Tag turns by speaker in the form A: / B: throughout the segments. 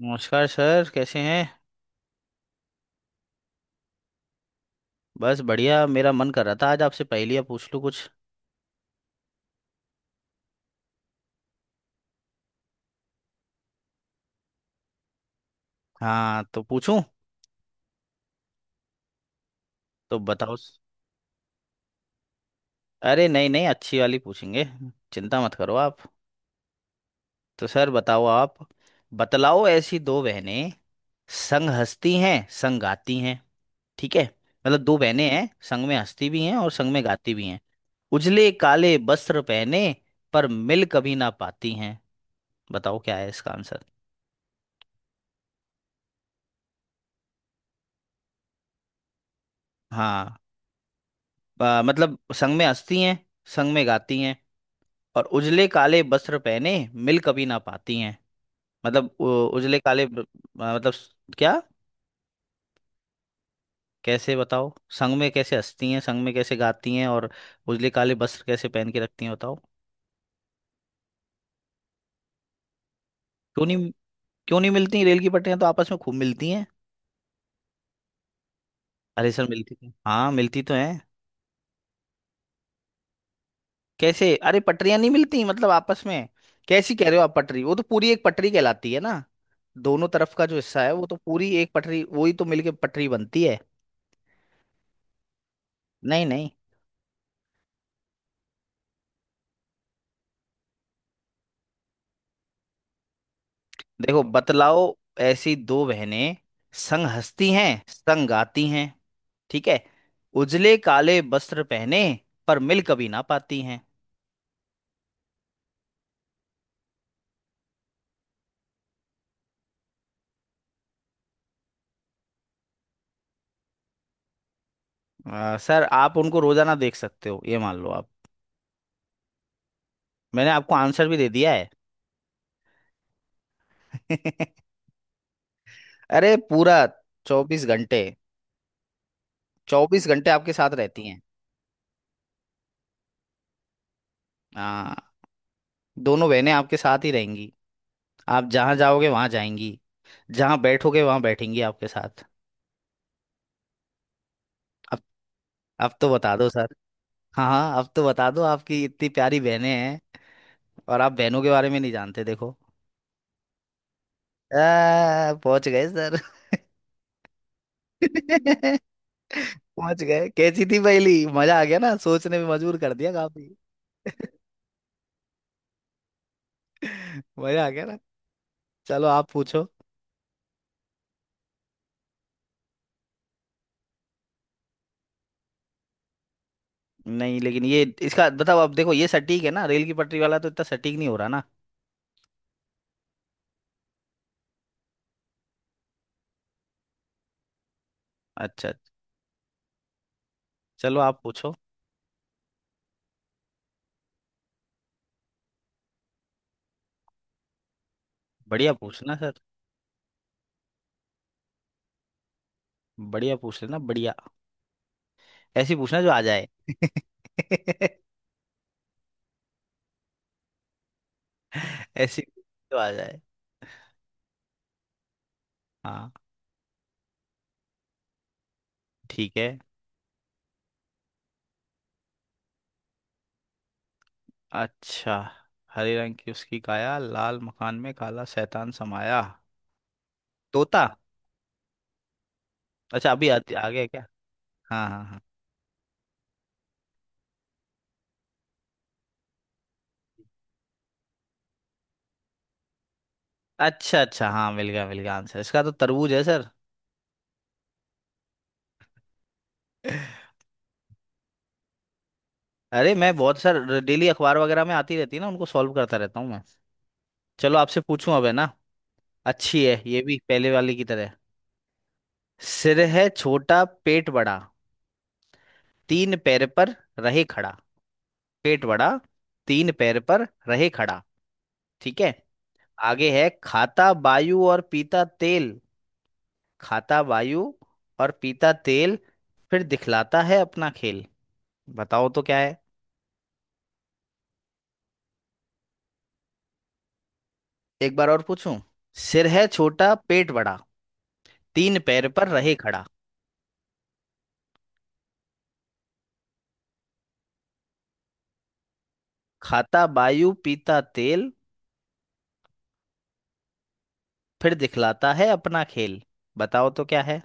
A: नमस्कार सर कैसे हैं। बस बढ़िया। मेरा मन कर रहा था आज आपसे पहेलियाँ पूछ लूँ कुछ। हाँ तो पूछूं। तो बताओ। अरे नहीं नहीं, अच्छी वाली पूछेंगे। चिंता मत करो आप। तो सर बताओ आप। बतलाओ, ऐसी दो बहनें, संग हंसती हैं संग गाती हैं। ठीक है। मतलब दो बहनें हैं, संग में हंसती भी हैं और संग में गाती भी हैं। उजले काले वस्त्र पहने पर मिल कभी ना पाती हैं। बताओ क्या है इसका आंसर। हाँ। मतलब संग में हंसती हैं, संग में गाती हैं, और उजले काले वस्त्र पहने मिल कभी ना पाती हैं। मतलब उजले काले मतलब क्या। कैसे बताओ। संग में कैसे हंसती हैं, संग में कैसे गाती हैं, और उजले काले वस्त्र कैसे पहन के रखती हैं बताओ। क्यों नहीं। क्यों नहीं मिलती? रेल की पटरियां तो आपस में खूब मिलती हैं। अरे सर, मिलती तो हाँ मिलती तो हैं। कैसे? अरे पटरियां नहीं मिलती मतलब आपस में। कैसी कह रहे हो आप? पटरी वो तो पूरी एक पटरी कहलाती है ना। दोनों तरफ का जो हिस्सा है वो तो पूरी एक पटरी, वही तो मिलके पटरी बनती है। नहीं नहीं। देखो बतलाओ। ऐसी दो बहनें, संग हंसती हैं संग गाती हैं। ठीक है। उजले काले वस्त्र पहने पर मिल कभी ना पाती हैं। सर आप उनको रोजाना देख सकते हो, ये मान लो आप। मैंने आपको आंसर भी दे दिया है। अरे पूरा 24 घंटे। 24 घंटे आपके साथ रहती हैं। हाँ। दोनों बहनें आपके साथ ही रहेंगी। आप जहाँ जाओगे वहाँ जाएंगी, जहाँ बैठोगे वहाँ बैठेंगी आपके साथ। अब अब तो बता दो सर। हाँ हाँ, अब तो बता दो। आपकी इतनी प्यारी बहनें हैं और आप बहनों के बारे में नहीं जानते देखो। पहुंच गए सर। पहुंच गए। कैसी थी पहली? मजा आ गया ना, सोचने में मजबूर कर दिया काफी। मजा आ गया ना। चलो आप पूछो। नहीं लेकिन ये इसका बताओ आप। देखो ये सटीक है ना, रेल की पटरी वाला तो इतना सटीक नहीं हो रहा ना। अच्छा। चलो आप पूछो। बढ़िया पूछना सर। बढ़िया पूछ लेना बढ़िया। ऐसी पूछना जो आ जाए। ऐसी जो आ जाए। हाँ। ठीक है। अच्छा। हरे रंग की उसकी काया, लाल मकान में काला शैतान समाया। तोता। अच्छा अभी आ गया क्या? हाँ हाँ हाँ। अच्छा अच्छा, हाँ मिल गया मिल गया, आंसर इसका तो तरबूज है सर। अरे मैं बहुत सारे डेली अखबार वगैरह में आती रहती है ना, उनको सॉल्व करता रहता हूँ मैं। चलो आपसे पूछूं अब, है ना। अच्छी है ये भी पहले वाली की तरह। सिर है छोटा पेट बड़ा, तीन पैर पर रहे खड़ा। पेट बड़ा, तीन पैर पर रहे खड़ा। ठीक है। आगे है, खाता वायु और पीता तेल। खाता वायु और पीता तेल, फिर दिखलाता है अपना खेल। बताओ तो क्या है। एक बार और पूछूं। सिर है छोटा पेट बड़ा, तीन पैर पर रहे खड़ा। खाता वायु पीता तेल, फिर दिखलाता है अपना खेल। बताओ तो क्या है।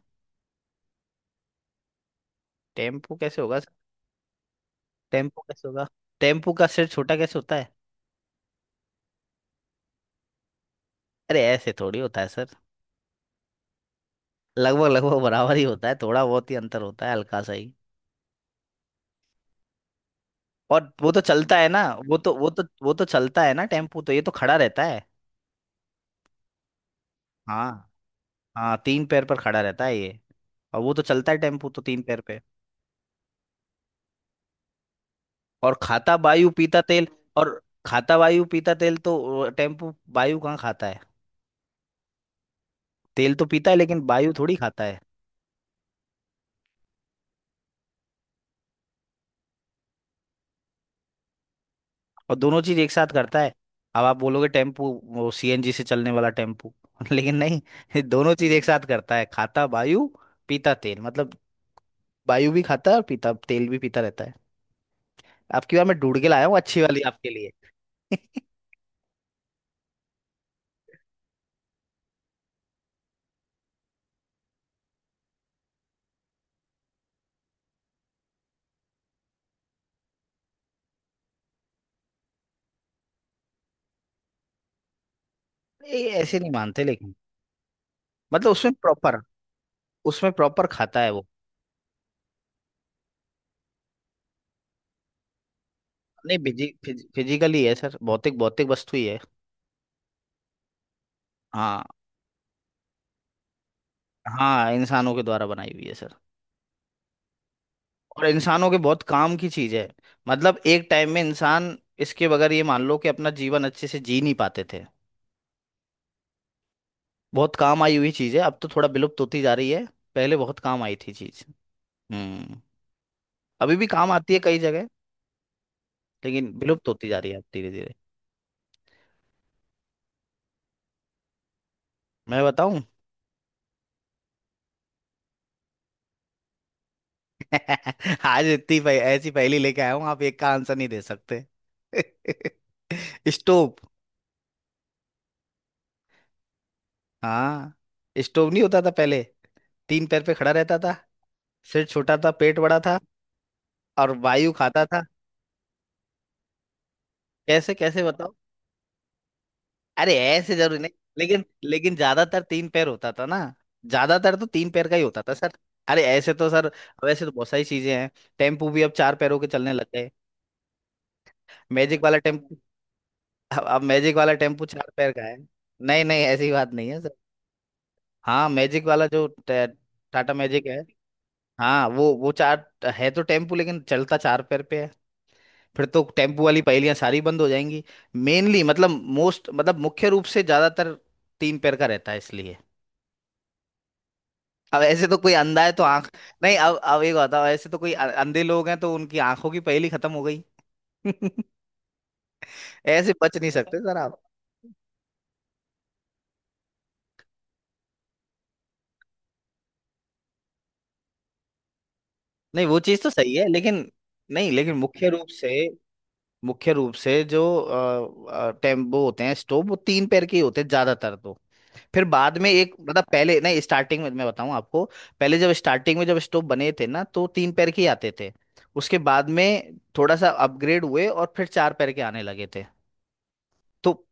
A: टेम्पू कैसे होगा सर? टेम्पू कैसे होगा? टेम्पू का सिर छोटा कैसे होता है? अरे ऐसे थोड़ी होता है सर। लगभग लगभग बराबर ही होता है, थोड़ा बहुत ही अंतर होता है, हल्का सा ही। और वो तो चलता है ना। वो तो चलता है ना टेम्पू तो, ये तो खड़ा रहता है। हाँ। हाँ तीन पैर पर खड़ा रहता है ये। और वो तो चलता है टेम्पू तो, तीन पैर पे। और खाता वायु पीता तेल। और खाता वायु पीता तेल, तो टेम्पू वायु कहाँ खाता है। तेल तो पीता है लेकिन वायु थोड़ी खाता है। और दोनों चीज एक साथ करता है। अब आप बोलोगे टेम्पू, वो सीएनजी से चलने वाला टेम्पू। लेकिन नहीं। ये दोनों चीज एक साथ करता है, खाता वायु पीता तेल, मतलब वायु भी खाता है और पीता तेल भी पीता रहता है। आपकी बार मैं ढूंढ के लाया हूँ अच्छी वाली आपके लिए। ये ऐसे नहीं मानते लेकिन। मतलब उसमें प्रॉपर, उसमें प्रॉपर खाता है वो। नहीं फिजिकली है सर, भौतिक भौतिक वस्तु ही है। हाँ। हाँ इंसानों के द्वारा बनाई हुई है सर। और इंसानों के बहुत काम की चीज है। मतलब एक टाइम में इंसान इसके बगैर, ये मान लो कि, अपना जीवन अच्छे से जी नहीं पाते थे। बहुत काम आई हुई चीज है, अब तो थोड़ा विलुप्त होती जा रही है। पहले बहुत काम आई थी चीज। हम्म। अभी भी काम आती है कई जगह। लेकिन विलुप्त होती जा रही है अब धीरे धीरे। मैं बताऊं? आज इतनी ऐसी पहेली लेके आया हूं, आप एक का आंसर नहीं दे सकते। स्टोव। हाँ। स्टोव नहीं होता था पहले। तीन पैर पे खड़ा रहता था। सिर छोटा था पेट बड़ा था, और वायु खाता था। कैसे? कैसे बताओ। अरे ऐसे जरूरी नहीं। लेकिन लेकिन ज्यादातर तीन पैर होता था ना, ज्यादातर तो तीन पैर का ही होता था सर। अरे ऐसे तो सर, वैसे तो बहुत सारी चीजें हैं। टेम्पू भी अब चार पैरों के चलने लग गए। मैजिक वाला टेम्पू। अब मैजिक वाला टेम्पू चार पैर का है। नहीं नहीं, ऐसी बात नहीं है सर। हाँ मैजिक वाला जो टाटा मैजिक है। हाँ वो चार है तो, टेम्पू लेकिन चलता चार पैर पे है। फिर तो टेम्पू वाली पहेलियां सारी बंद हो जाएंगी। मेनली मतलब, मोस्ट मतलब, मुख्य रूप से ज्यादातर तीन पैर का रहता है इसलिए। अब ऐसे तो कोई अंधा है तो आंख। नहीं, अब एक बताओ, ऐसे तो कोई अंधे लोग हैं तो उनकी आंखों की पहेली खत्म हो गई। ऐसे बच नहीं सकते सर आप। नहीं वो चीज तो सही है लेकिन, नहीं लेकिन मुख्य रूप से, मुख्य रूप से जो टेम्पो होते हैं स्टोव, वो तीन पैर के ही होते हैं ज्यादातर तो। फिर बाद में एक मतलब, पहले नहीं, स्टार्टिंग में मैं बताऊं आपको। पहले जब स्टार्टिंग में जब स्टोव बने थे ना, तो तीन पैर के ही आते थे। उसके बाद में थोड़ा सा अपग्रेड हुए और फिर चार पैर के आने लगे थे। तो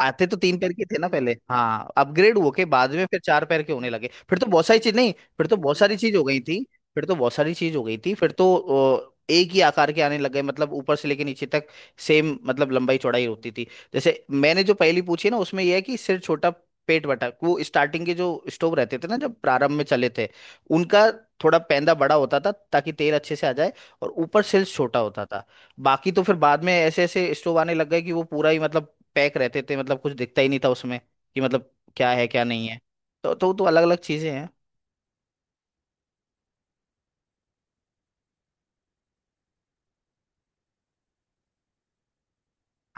A: आते तो तीन पैर के थे ना पहले, हाँ अपग्रेड हुए के बाद में फिर चार पैर के होने लगे फिर तो, बहुत सारी चीज, नहीं फिर तो बहुत सारी चीज हो गई थी। फिर तो बहुत सारी चीज हो गई थी फिर तो। एक ही आकार के आने लग गए, मतलब ऊपर से लेके नीचे तक सेम, मतलब लंबाई चौड़ाई होती थी। जैसे मैंने जो पहली पूछी ना, उसमें यह है कि सिर छोटा पेट बड़ा, वो स्टार्टिंग के जो स्टोव रहते थे ना, जब प्रारंभ में चले थे, उनका थोड़ा पैंदा बड़ा होता था ताकि तेल अच्छे से आ जाए, और ऊपर सिर छोटा होता था। बाकी तो फिर बाद में ऐसे ऐसे स्टोव आने लग गए कि वो पूरा ही मतलब पैक रहते थे, मतलब कुछ दिखता ही नहीं था उसमें कि, मतलब क्या है क्या नहीं है। तो अलग अलग चीजें हैं।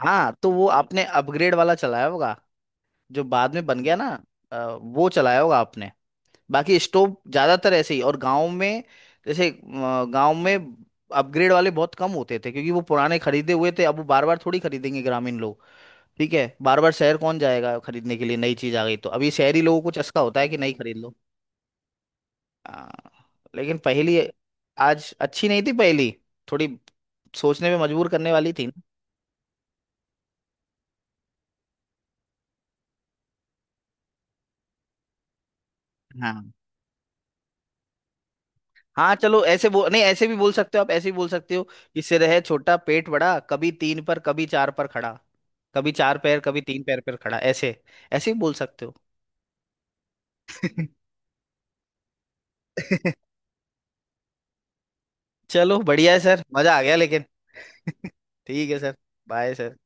A: हाँ तो वो आपने अपग्रेड वाला चलाया होगा, जो बाद में बन गया ना। अ, वो चलाया होगा आपने। बाकी स्टोव ज्यादातर ऐसे ही, और गांव में जैसे, गांव में अपग्रेड वाले बहुत कम होते थे, क्योंकि वो पुराने खरीदे हुए थे, अब वो बार बार थोड़ी खरीदेंगे ग्रामीण लोग। ठीक है, बार बार शहर कौन जाएगा खरीदने के लिए, नई चीज आ गई तो अभी शहरी लोगों को चस्का होता है कि नहीं खरीद लो। आ, लेकिन पहेली आज अच्छी नहीं थी पहेली, थोड़ी सोचने पे मजबूर करने वाली थी ना। हाँ हाँ, चलो ऐसे बोल, नहीं ऐसे भी बोल सकते हो आप, ऐसे भी बोल सकते हो कि सिर है छोटा पेट बड़ा, कभी तीन पर कभी चार पर खड़ा। कभी चार पैर कभी तीन पैर पर खड़ा, ऐसे ऐसे ही बोल सकते हो। चलो बढ़िया है सर, मजा आ गया लेकिन। ठीक है सर। Bye sir.